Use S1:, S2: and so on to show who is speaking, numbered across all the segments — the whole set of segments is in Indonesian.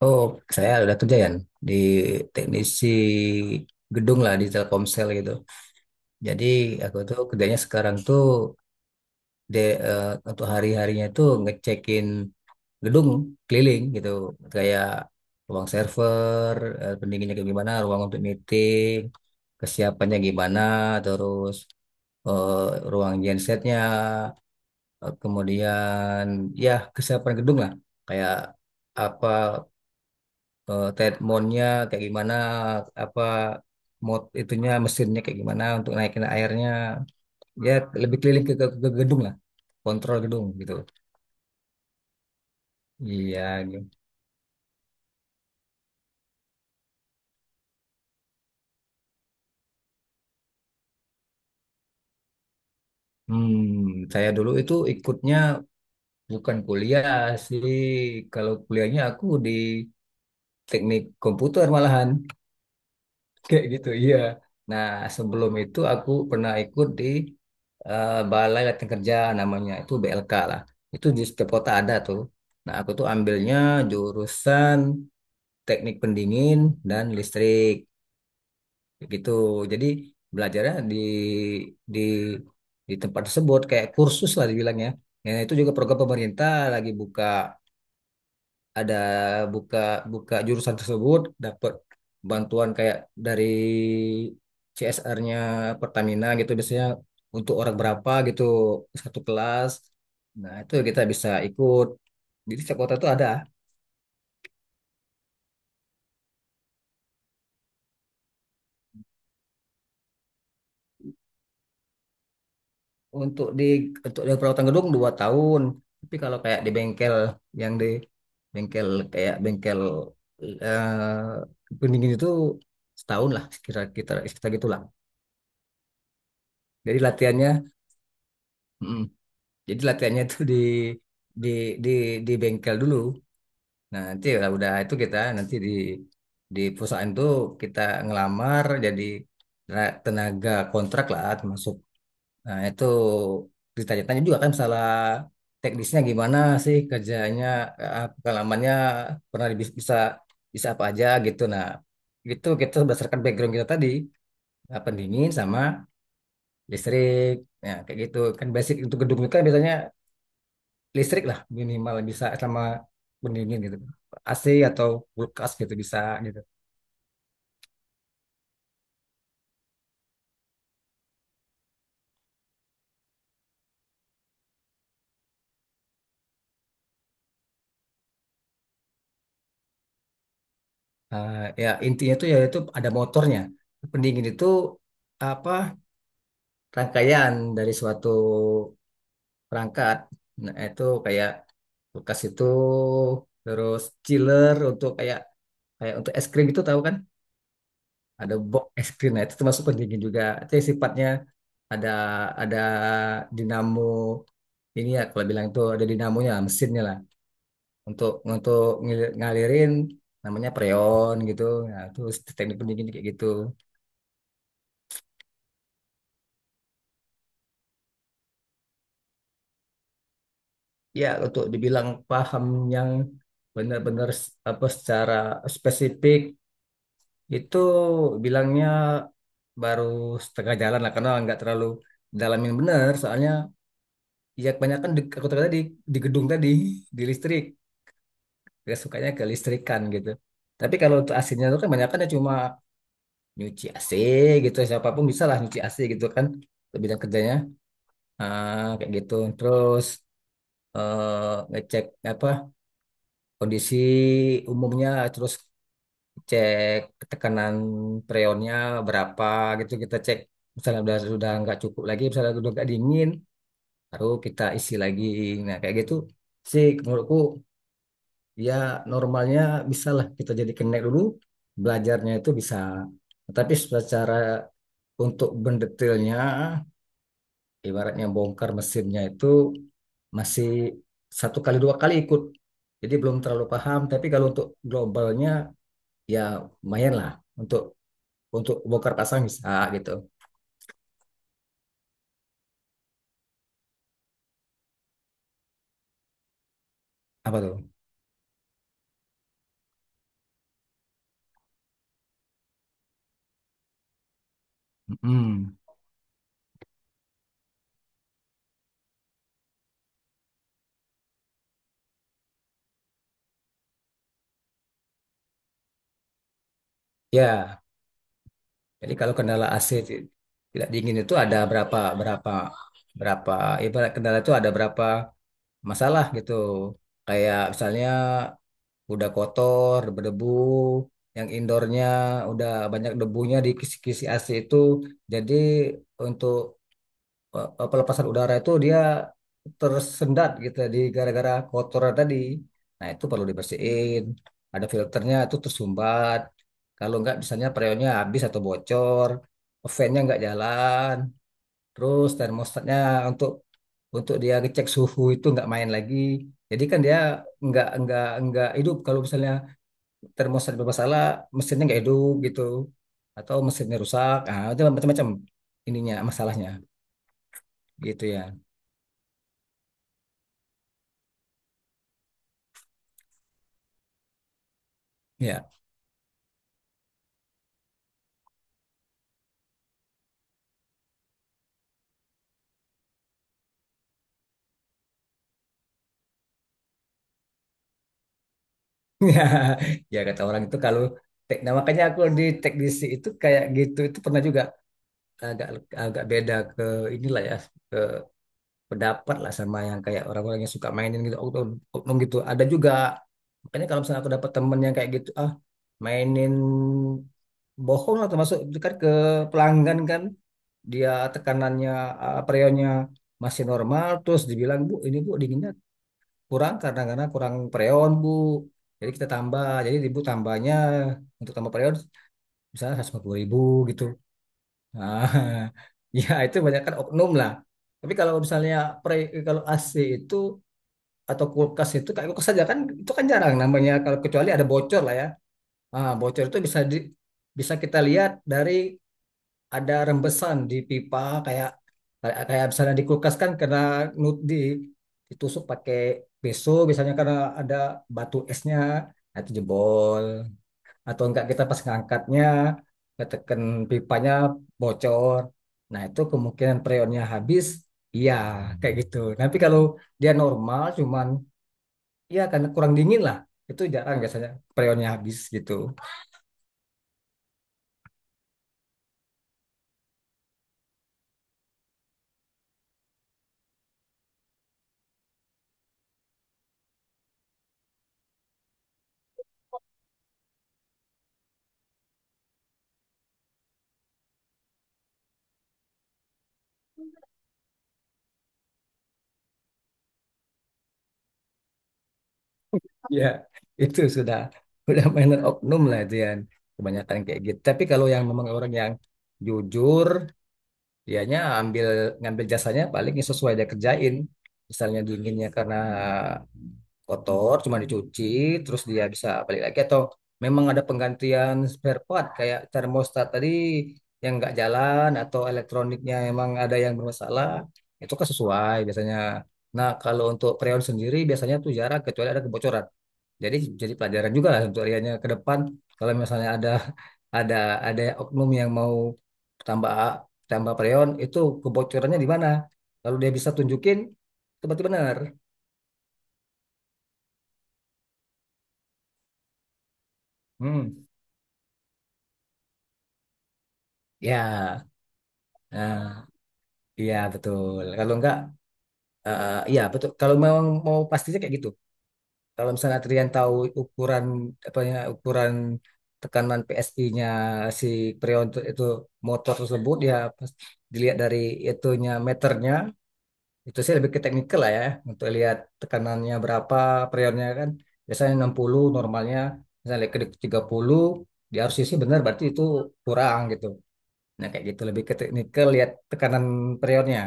S1: Oh, saya udah kerja ya di teknisi gedung lah di Telkomsel gitu. Jadi aku tuh kerjanya sekarang tuh de, eh, untuk hari-harinya tuh ngecekin gedung keliling gitu, kayak ruang server, pendinginnya kayak gimana, ruang untuk meeting, kesiapannya gimana, terus eh, ruang gensetnya, kemudian ya kesiapan gedung lah, kayak apa treadmillnya kayak gimana, apa mod itunya mesinnya kayak gimana untuk naikin airnya, ya lebih keliling ke gedung lah, kontrol gedung gitu, iya gitu. hmm saya dulu itu ikutnya bukan kuliah sih, kalau kuliahnya aku di teknik komputer malahan. Kayak gitu, iya. Nah, sebelum itu aku pernah ikut di Balai Latihan Kerja namanya, itu BLK lah. Itu di setiap kota ada tuh. Nah, aku tuh ambilnya jurusan teknik pendingin dan listrik, kayak gitu. Jadi belajarnya di di tempat tersebut kayak kursus lah dibilangnya. Ya, itu juga program pemerintah lagi buka, ada buka buka jurusan tersebut, dapat bantuan kayak dari CSR-nya Pertamina gitu biasanya untuk orang berapa gitu satu kelas, nah itu kita bisa ikut, jadi setiap kota itu ada. Untuk di untuk di perawatan gedung 2 tahun, tapi kalau kayak di bengkel, yang di bengkel, kayak bengkel pendingin itu setahun lah kira-kira, kita sekitar gitulah, jadi latihannya. Mm, Jadi latihannya tuh di di di bengkel dulu. Nah, nanti kalau udah itu kita nanti di perusahaan tuh kita ngelamar jadi tenaga kontrak lah termasuk. Nah, itu ditanya-tanya juga kan masalah teknisnya gimana sih kerjanya, pengalamannya pernah bisa bisa apa aja gitu. Nah, itu kita berdasarkan background kita tadi, pendingin sama listrik. Ya, kayak gitu. Kan basic untuk gedung itu kan biasanya listrik lah minimal bisa, sama pendingin gitu, AC atau kulkas gitu bisa gitu. Ya intinya tuh ya itu ada motornya, pendingin itu apa rangkaian dari suatu perangkat, nah itu kayak kulkas itu, terus chiller untuk kayak kayak untuk es krim itu tahu kan, ada box es krim, nah itu termasuk pendingin juga itu yang sifatnya ada ada dinamo ini ya, kalau bilang itu ada dinamonya mesinnya lah, untuk ngalirin namanya preon gitu. Nah, itu teknik pendidikan kayak gitu. Ya, untuk dibilang paham yang benar-benar apa secara spesifik itu bilangnya baru setengah jalan lah, karena nggak terlalu dalamin benar soalnya, ya kebanyakan di, aku tadi di gedung tadi, di listrik, gak sukanya ke listrikan gitu. Tapi kalau untuk AC-nya itu kan banyak kan, cuma nyuci AC gitu siapapun bisa lah, nyuci AC gitu kan, untuk bidang kerjanya. Ah, kayak gitu. Terus ngecek apa kondisi umumnya, terus cek tekanan freonnya berapa gitu kita cek. Misalnya udah nggak cukup lagi, misalnya udah nggak dingin, baru kita isi lagi. Nah kayak gitu sih menurutku, ya normalnya bisa lah, kita jadi connect dulu, belajarnya itu bisa. Tapi secara untuk mendetailnya ibaratnya bongkar mesinnya itu masih satu kali dua kali ikut. Jadi belum terlalu paham, tapi kalau untuk globalnya ya lumayan lah, untuk untuk bongkar pasang bisa gitu. Apa tuh? Mm-mm. Ya, jadi kalau kendala AC tidak dingin itu ada berapa berapa berapa ibarat kendala itu ada berapa masalah gitu. Kayak misalnya udah kotor, berdebu, yang indoornya udah banyak debunya di kisi-kisi AC itu. Jadi untuk pelepasan udara itu dia tersendat gitu, di gara-gara kotoran tadi. Nah itu perlu dibersihin. Ada filternya itu tersumbat. Kalau nggak misalnya freonnya habis atau bocor, fan-nya nggak jalan, terus termostatnya untuk untuk dia ngecek suhu itu nggak main lagi. Jadi kan dia nggak hidup kalau misalnya termos ada bermasalah, mesinnya nggak hidup gitu, atau mesinnya rusak, ah itu macam-macam ininya masalahnya gitu ya. Ya ya ya, kata orang itu kalau nah makanya aku di teknisi itu kayak gitu itu pernah juga agak agak beda ke inilah ya, ke pendapat lah sama yang kayak orang-orang yang suka mainin gitu, oknum oknum gitu ada juga. Makanya kalau misalnya aku dapat temen yang kayak gitu, ah mainin bohong lah termasuk itu kan ke pelanggan kan, dia tekanannya freonnya masih normal terus dibilang bu ini bu dinginnya kurang karena kurang freon bu, jadi kita tambah, jadi ibu tambahnya untuk tambah freon misalnya 150.000 gitu nah, ya itu banyak kan oknum lah. Tapi kalau misalnya pre, kalau AC itu atau kulkas itu kayak kulkas saja kan, itu kan jarang namanya kalau kecuali ada bocor lah ya. Ah bocor itu bisa di, bisa kita lihat dari ada rembesan di pipa, kayak kayak misalnya di kulkas kan karena di ditusuk pakai pisau biasanya karena ada batu esnya, nah itu jebol, atau enggak kita pas ngangkatnya ketekan pipanya bocor, nah itu kemungkinan freonnya habis, iya kayak gitu. Tapi kalau dia normal cuman ya karena kurang dingin lah, itu jarang biasanya freonnya habis gitu. Ya, itu sudah mainan oknum lah itu yang kebanyakan kayak gitu. Tapi kalau yang memang orang yang jujur, dianya ngambil jasanya paling yang sesuai dia kerjain. Misalnya dinginnya karena kotor cuma dicuci, terus dia bisa balik lagi, atau memang ada penggantian spare part kayak termostat tadi yang nggak jalan, atau elektroniknya emang ada yang bermasalah, itu kan sesuai biasanya. Nah kalau untuk freon sendiri biasanya tuh jarang kecuali ada kebocoran. Jadi jadi pelajaran juga lah untuk Riannya ke depan, kalau misalnya ada ada ada oknum yang mau tambah tambah freon itu, kebocorannya di mana, lalu dia bisa tunjukin, itu berarti benar. Hmm. Ya, ah, iya betul. Kalau enggak, iya betul. Kalau memang mau pastinya kayak gitu. Kalau misalnya Trian tahu ukuran apa ya ukuran tekanan PSI-nya si Prion itu motor tersebut ya pas dilihat dari itunya meternya, itu sih lebih ke teknikal lah ya, untuk lihat tekanannya berapa Prionnya kan biasanya 60 normalnya, misalnya ke 30 dia harus isi benar berarti itu kurang gitu. Nah kayak gitu lebih ke teknikal lihat tekanan Prionnya.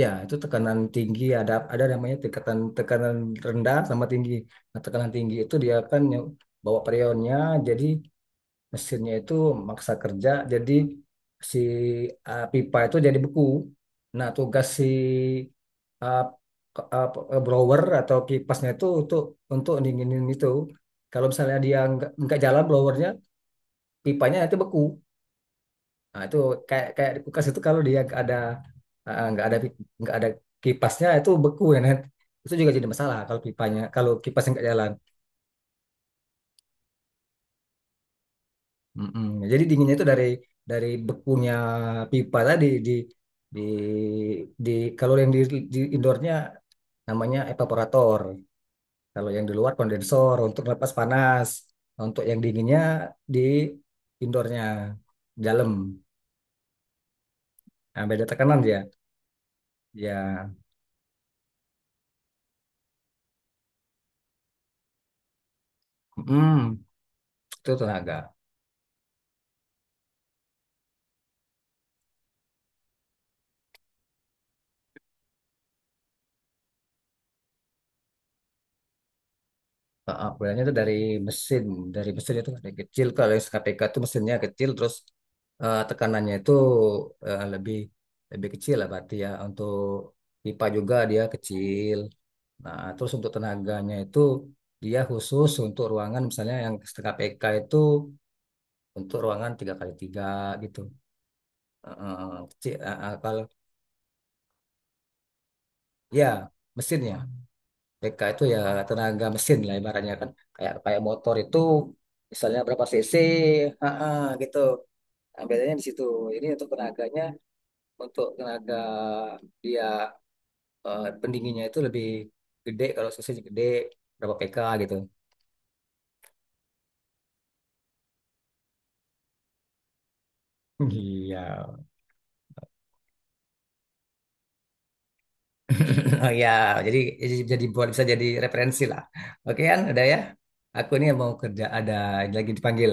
S1: Ya, itu tekanan tinggi ada namanya tekanan tekanan rendah sama tinggi. Nah, tekanan tinggi itu dia kan yang bawa perionnya, jadi mesinnya itu maksa kerja, jadi si pipa itu jadi beku. Nah, tugas si uh, blower atau kipasnya itu untuk dinginin itu. Kalau misalnya dia nggak jalan blowernya, pipanya itu beku. Nah, itu kayak kayak di kulkas itu kalau dia nggak ada eh, nggak ada pi- nggak ada kipasnya itu beku ya Nat. Itu juga jadi masalah kalau pipanya, kalau kipasnya nggak jalan. Mm-mm. Jadi dinginnya itu dari bekunya pipa tadi di di kalau yang di indoornya namanya evaporator. Kalau yang di luar kondensor untuk lepas panas. Untuk yang dinginnya di indoornya dalam. Nah, beda tekanan dia. Ya, mm, itu tenaga. Heeh, boilnya itu mesin, dari mesin itu dari kecil. Kalau yang KPK itu mesinnya kecil, terus tekanannya itu lebih lebih kecil lah berarti ya. Untuk pipa juga dia kecil. Nah, terus untuk tenaganya itu dia khusus untuk ruangan misalnya yang KPK itu untuk ruangan 3x3 gitu. Kecil. Kalau ya mesinnya BK itu ya tenaga mesin lah ibaratnya kan. Kayak kayak motor itu misalnya berapa cc, ah, ah, gitu. Nah, bedanya di situ. Ini untuk tenaganya, untuk tenaga dia pendinginnya itu lebih gede kalau cc-nya gede berapa PK gitu. Iya. Oh ya, jadi buat bisa jadi referensi lah. Oke kan, udah ya. Aku ini mau kerja ada lagi dipanggil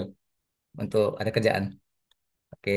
S1: untuk ada kerjaan. Oke.